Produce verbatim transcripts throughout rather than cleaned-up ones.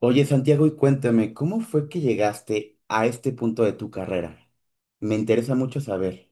Oye, Santiago, y cuéntame, ¿cómo fue que llegaste a este punto de tu carrera? Me interesa mucho saber.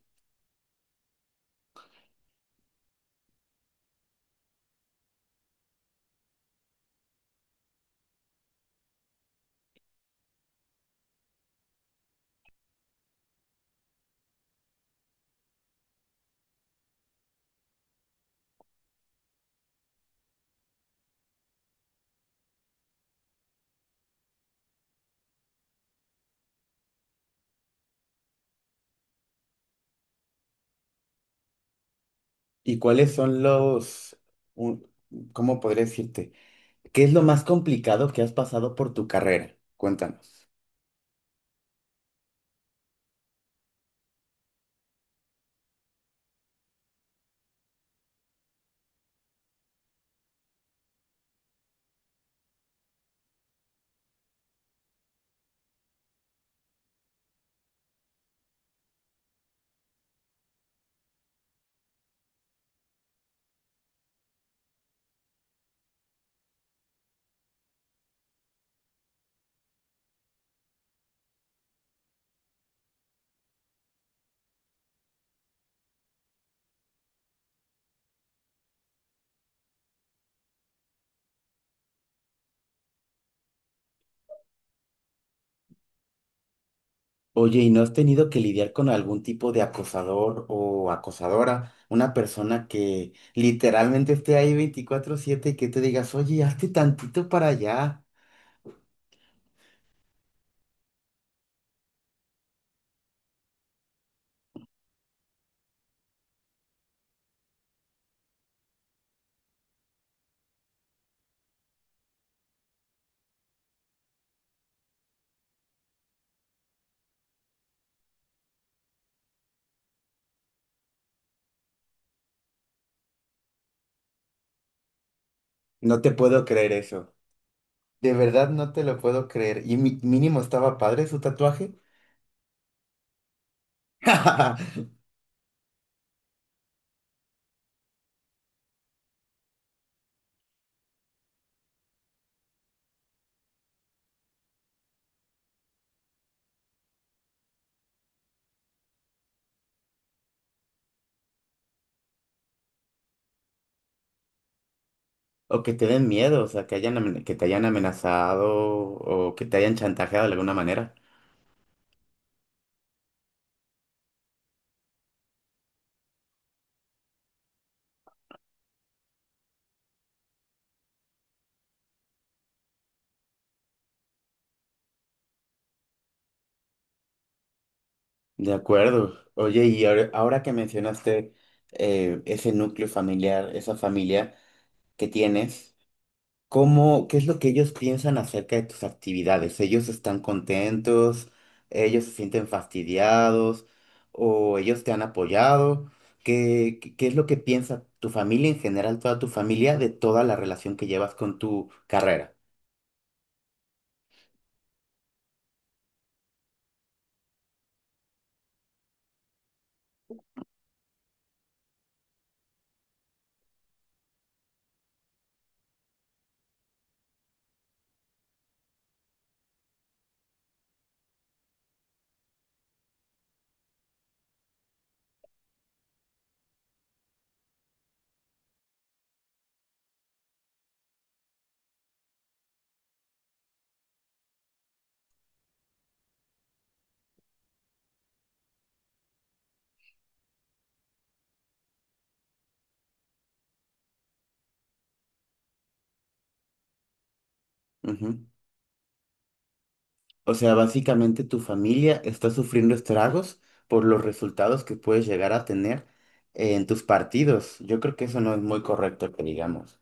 ¿Y cuáles son los, un- cómo podría decirte? Qué es lo más complicado que has pasado por tu carrera? Cuéntanos. Oye, ¿y no has tenido que lidiar con algún tipo de acosador o acosadora? Una persona que literalmente esté ahí veinticuatro siete y que te digas, oye, hazte tantito para allá. No te puedo creer eso. De verdad no te lo puedo creer. Y mi- mínimo estaba padre su tatuaje. O que te den miedo, o sea, que hayan, amen- que te hayan amenazado o que te hayan chantajeado de alguna manera. De acuerdo. Oye, y ahora, ahora que mencionaste eh, ese núcleo familiar, esa familia que tienes. ¿Cómo, qué es lo que ellos piensan acerca de tus actividades? ¿Ellos están contentos? ¿Ellos se sienten fastidiados? ¿O ellos te han apoyado? ¿Qué, qué, qué es lo que piensa tu familia en general, toda tu familia, de toda la relación que llevas con tu carrera? Ujú. O sea, básicamente tu familia está sufriendo estragos por los resultados que puedes llegar a tener en tus partidos. Yo creo que eso no es muy correcto que digamos.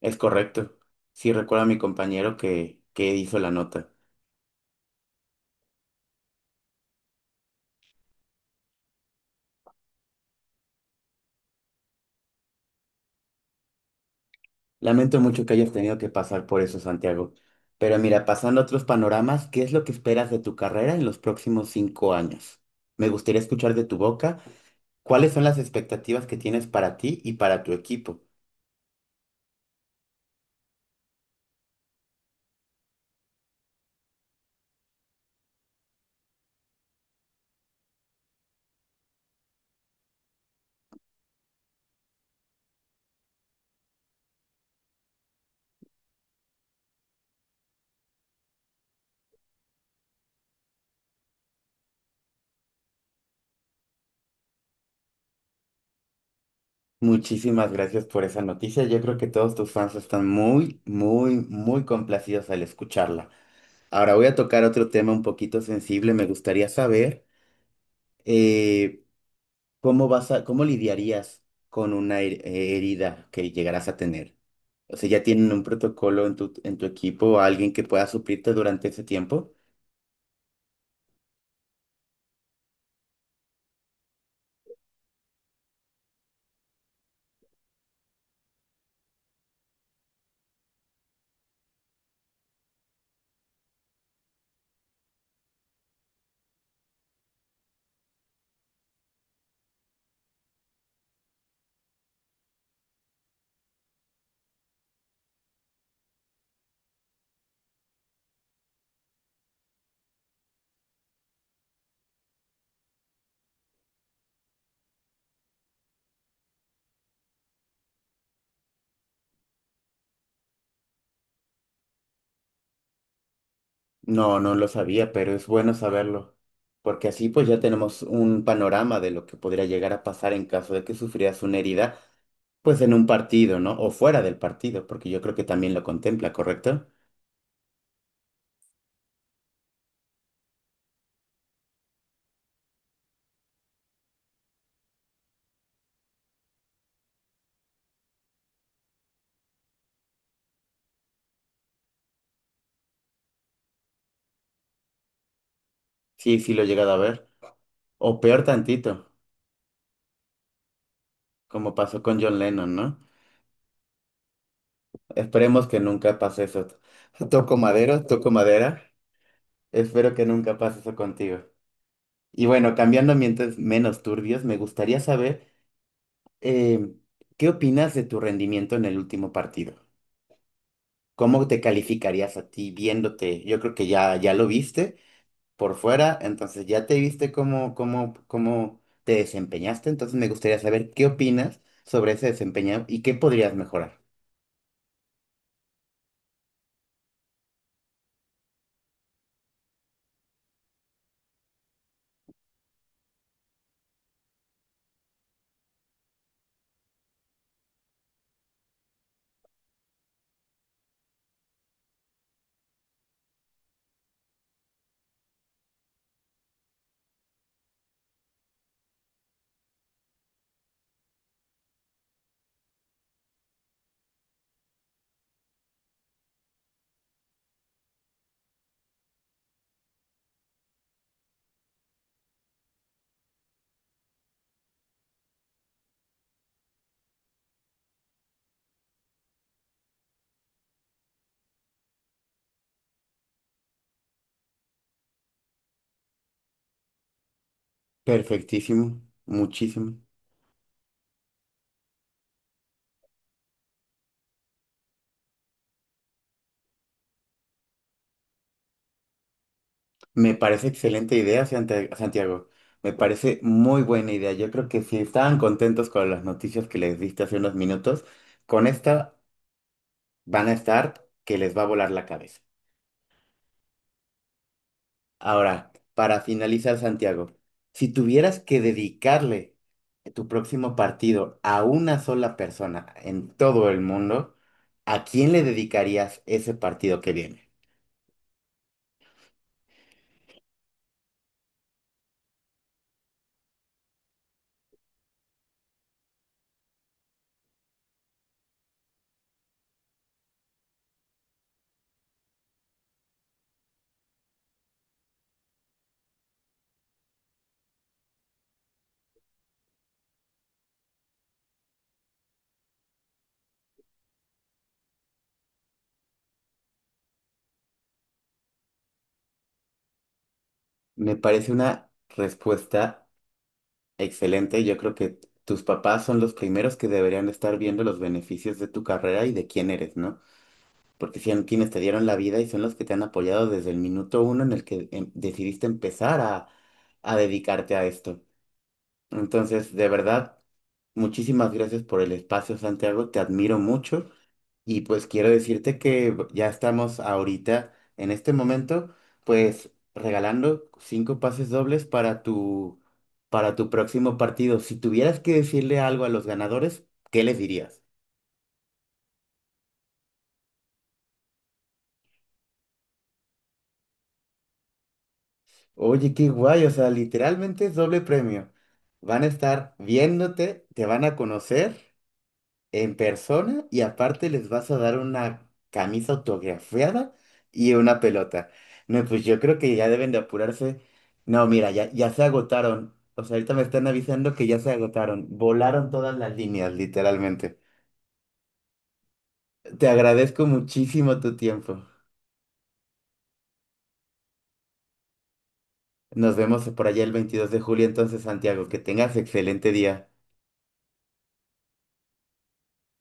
Es correcto. Sí, recuerdo a mi compañero que, que hizo la nota. Lamento mucho que hayas tenido que pasar por eso, Santiago. Pero mira, pasando a otros panoramas, ¿qué es lo que esperas de tu carrera en los próximos cinco años? Me gustaría escuchar de tu boca cuáles son las expectativas que tienes para ti y para tu equipo. Muchísimas gracias por esa noticia. Yo creo que todos tus fans están muy, muy, muy complacidos al escucharla. Ahora voy a tocar otro tema un poquito sensible. Me gustaría saber... eh, ¿Cómo vas a, cómo lidiarías con una her- eh, herida que llegarás a tener? O sea, ¿ya tienen un protocolo en tu, en tu equipo o alguien que pueda suplirte durante ese tiempo? No, no lo sabía, pero es bueno saberlo, porque así pues ya tenemos un panorama de lo que podría llegar a pasar en caso de que sufrieras una herida, pues en un partido, ¿no? O fuera del partido, porque yo creo que también lo contempla, ¿correcto? Sí, sí lo he llegado a ver. O peor tantito, como pasó con John Lennon, ¿no? Esperemos que nunca pase eso. Toco madero, toco madera. Espero que nunca pase eso contigo. Y bueno, cambiando a ambientes menos turbios, me gustaría saber eh, ¿qué opinas de tu rendimiento en el último partido? ¿Cómo te calificarías a ti viéndote? Yo creo que ya, ya lo viste por fuera, entonces ya te viste cómo, cómo, cómo te desempeñaste. Entonces me gustaría saber qué opinas sobre ese desempeño y qué podrías mejorar. Perfectísimo, muchísimo. Me parece excelente idea, Santa- Santiago. Me parece muy buena idea. Yo creo que si estaban contentos con las noticias que les diste hace unos minutos, con esta van a estar que les va a volar la cabeza. Ahora, para finalizar, Santiago, si tuvieras que dedicarle tu próximo partido a una sola persona en todo el mundo, ¿a quién le dedicarías ese partido que viene? Me parece una respuesta excelente, yo creo que tus papás son los primeros que deberían estar viendo los beneficios de tu carrera y de quién eres, ¿no? Porque son quienes te dieron la vida y son los que te han apoyado desde el minuto uno en el que em, decidiste empezar a, a dedicarte a esto. Entonces, de verdad, muchísimas gracias por el espacio, Santiago, te admiro mucho y pues quiero decirte que ya estamos ahorita, en este momento, pues regalando cinco pases dobles para tu, para tu próximo partido. Si tuvieras que decirle algo a los ganadores, ¿qué les dirías? Oye, qué guay, o sea, literalmente es doble premio. Van a estar viéndote, te van a conocer en persona y aparte les vas a dar una camisa autografiada y una pelota. No, pues yo creo que ya deben de apurarse. No, mira, ya, ya se agotaron. O sea, ahorita me están avisando que ya se agotaron. Volaron todas las líneas, literalmente. Te agradezco muchísimo tu tiempo. Nos vemos por allá el veintidós de julio, entonces, Santiago. Que tengas excelente día.